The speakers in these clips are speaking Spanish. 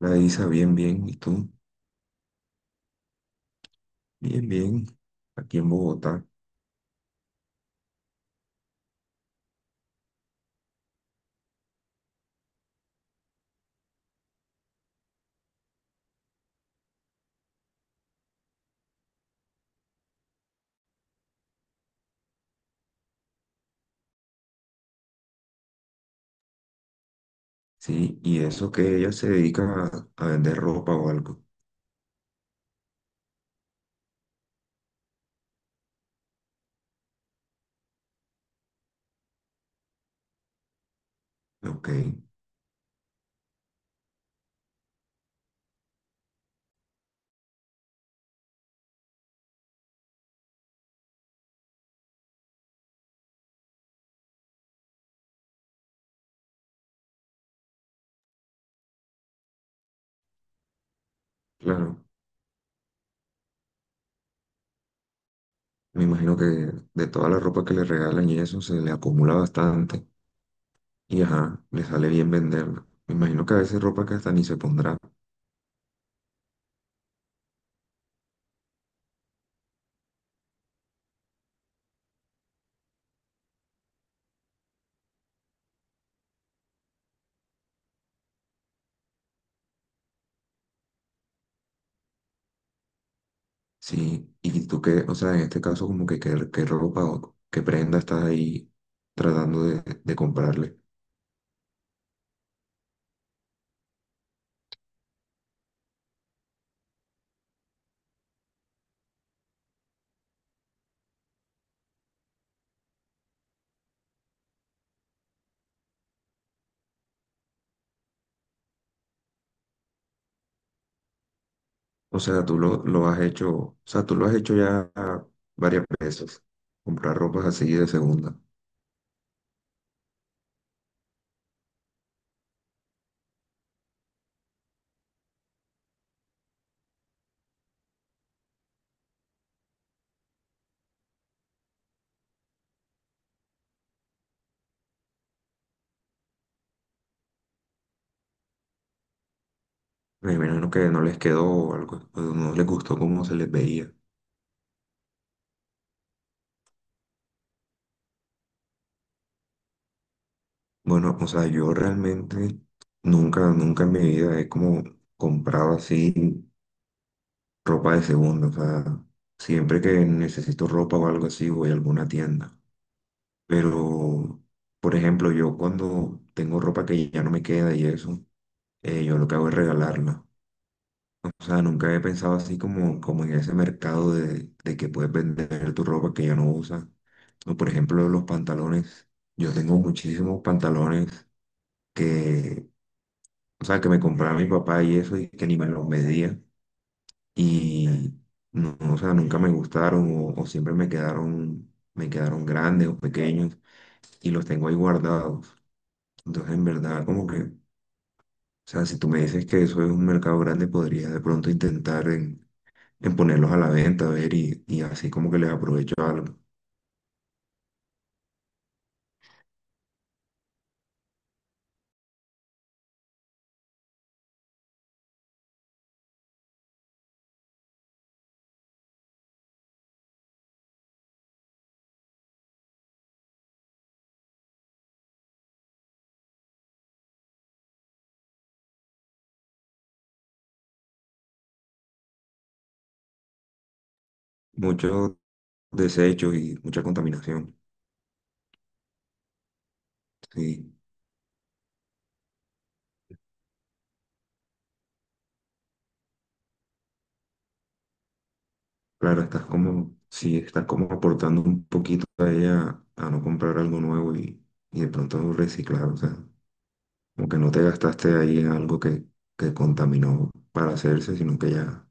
La Isa, bien, bien. ¿Y tú? Bien, bien. Aquí en Bogotá. Sí, y eso que ella se dedica a vender ropa o algo. Ok, claro. Me imagino que de toda la ropa que le regalan y eso se le acumula bastante. Y ajá, le sale bien venderla. Me imagino que a veces ropa que hasta ni se pondrá. Sí, ¿y tú qué, o sea, en este caso como que qué, qué ropa o qué prenda estás ahí tratando de comprarle? O sea, tú lo has hecho, o sea, tú lo has hecho ya varias veces, comprar ropas así de segunda. Me imagino que no les quedó o algo, o no les gustó cómo se les veía. Bueno, o sea, yo realmente nunca en mi vida he como comprado así ropa de segunda. O sea, siempre que necesito ropa o algo así, voy a alguna tienda. Pero, por ejemplo, yo cuando tengo ropa que ya no me queda y eso, yo lo que hago es regalarla. O sea, nunca había pensado así como, como en ese mercado de que puedes vender tu ropa que ya no usas. O por ejemplo, los pantalones. Yo tengo muchísimos pantalones que, o sea, que me compraba mi papá y eso y que ni me los medía. Y no, o sea, nunca me gustaron o siempre me quedaron grandes o pequeños y los tengo ahí guardados. Entonces, en verdad, como que, o sea, si tú me dices que eso es un mercado grande, podría de pronto intentar en ponerlos a la venta, a ver, y así como que les aprovecho algo. Muchos desechos y mucha contaminación. Sí, claro, estás como, sí, estás como aportando un poquito a ella a no comprar algo nuevo y de pronto reciclar, o sea, como que no te gastaste ahí en algo que contaminó para hacerse, sino que ya,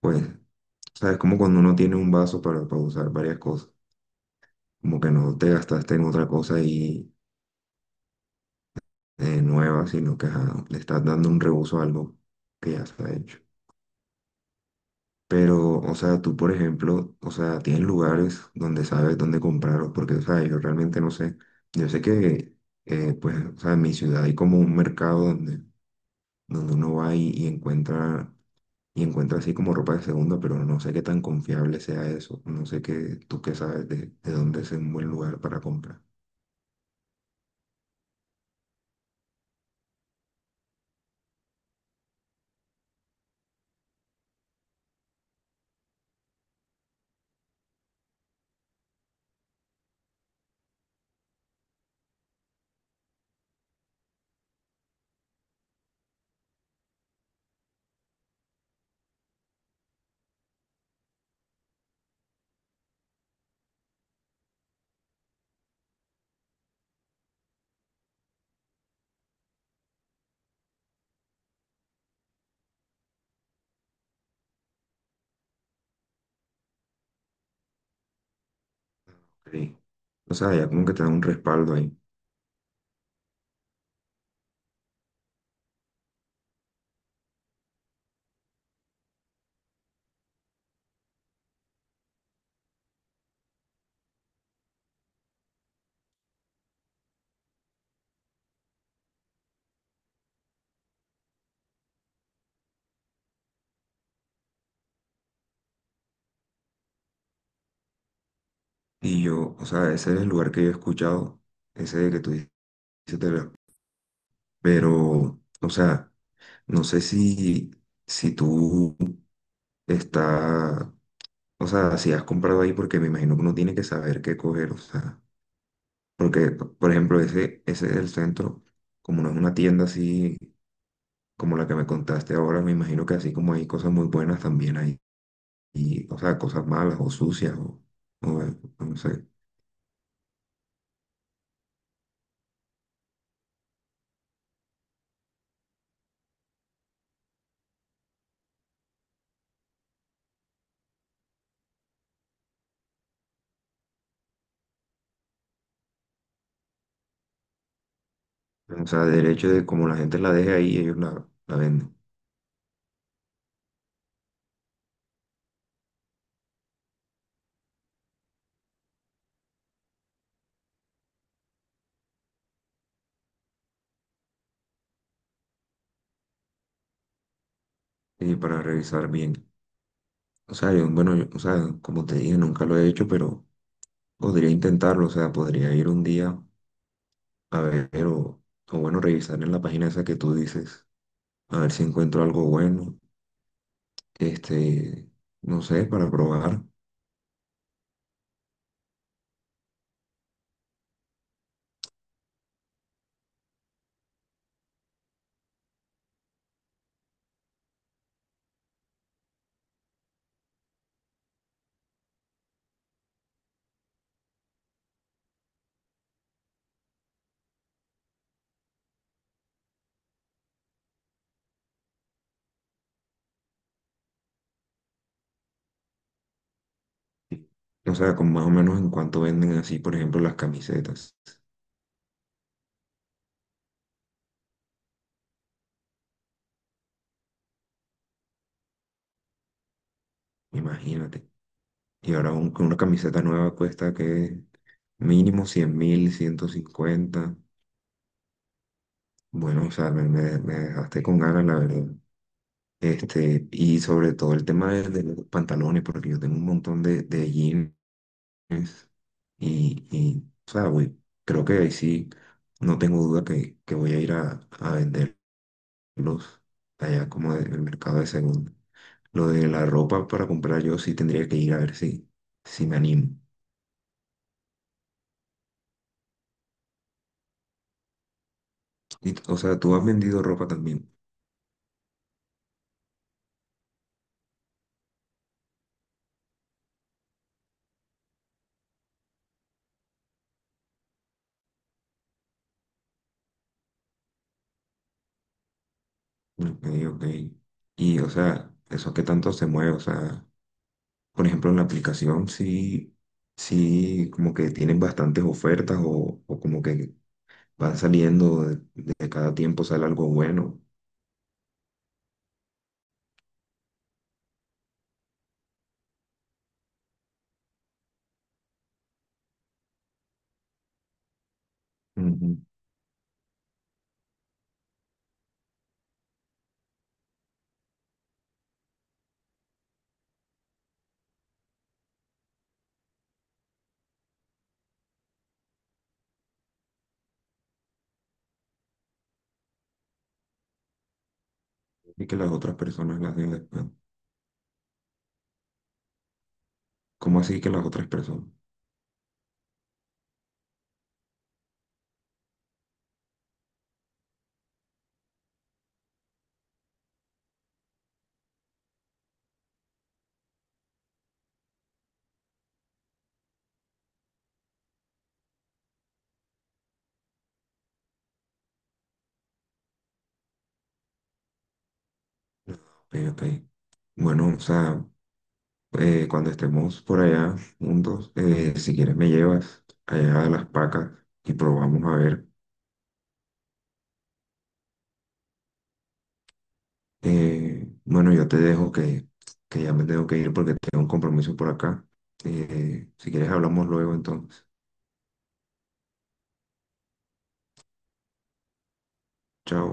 pues, sabes, como cuando uno tiene un vaso para usar varias cosas, como que no te gastaste en otra cosa y nueva, sino que ajá, le estás dando un reuso a algo que ya está hecho. Pero, o sea, tú, por ejemplo, o sea, tienes lugares donde sabes dónde comprarlos, porque, o sea, yo realmente no sé. Yo sé que, pues, o sea, en mi ciudad hay como un mercado donde, donde uno va y encuentra así como ropa de segunda, pero no sé qué tan confiable sea eso. No sé qué, tú qué sabes de dónde es un buen lugar para comprar. Sí. O sea, ya como que te da un respaldo ahí. Y yo, o sea, ese es el lugar que yo he escuchado, ese que tú dices, Telerama. Pero, o sea, no sé si, si tú está, o sea, si has comprado ahí, porque me imagino que uno tiene que saber qué coger, o sea, porque, por ejemplo, ese es el centro, como no es una tienda así como la que me contaste ahora, me imagino que así como hay cosas muy buenas también hay, y, o sea, cosas malas o sucias, o, no sé, o sea, derecho de como la gente la deje ahí, ellos la, la venden. Eh, para revisar bien. O sea, yo, bueno, o sea, como te dije, nunca lo he hecho, pero podría intentarlo. O sea, podría ir un día a ver o bueno, revisar en la página esa que tú dices, a ver si encuentro algo bueno, este, no sé, para probar. O sea, ¿con más o menos en cuánto venden así, por ejemplo, las camisetas? Imagínate. Y ahora una camiseta nueva cuesta que mínimo 100.000, 150. Bueno, o sea, me, me dejaste con ganas, la verdad. Este, y sobre todo el tema de los pantalones, porque yo tengo un montón de jeans y, o sea, creo que ahí sí, no tengo duda que voy a ir a venderlos allá como en el mercado de segundo. Lo de la ropa para comprar yo sí tendría que ir a ver si, si me animo. Y, o sea, tú has vendido ropa también. Ok, ok. Y, o sea, ¿eso qué tanto se mueve? O sea, por ejemplo, en la aplicación sí, sí como que tienen bastantes ofertas o como que van saliendo de cada tiempo sale algo bueno. Ujú. Y que las otras personas las den después. ¿Cómo así que las otras personas? Ok, ok. Bueno, o sea, cuando estemos por allá juntos, si quieres me llevas allá a las pacas y probamos a ver. Bueno, yo te dejo que ya me tengo que ir porque tengo un compromiso por acá. Si quieres hablamos luego entonces. Chao.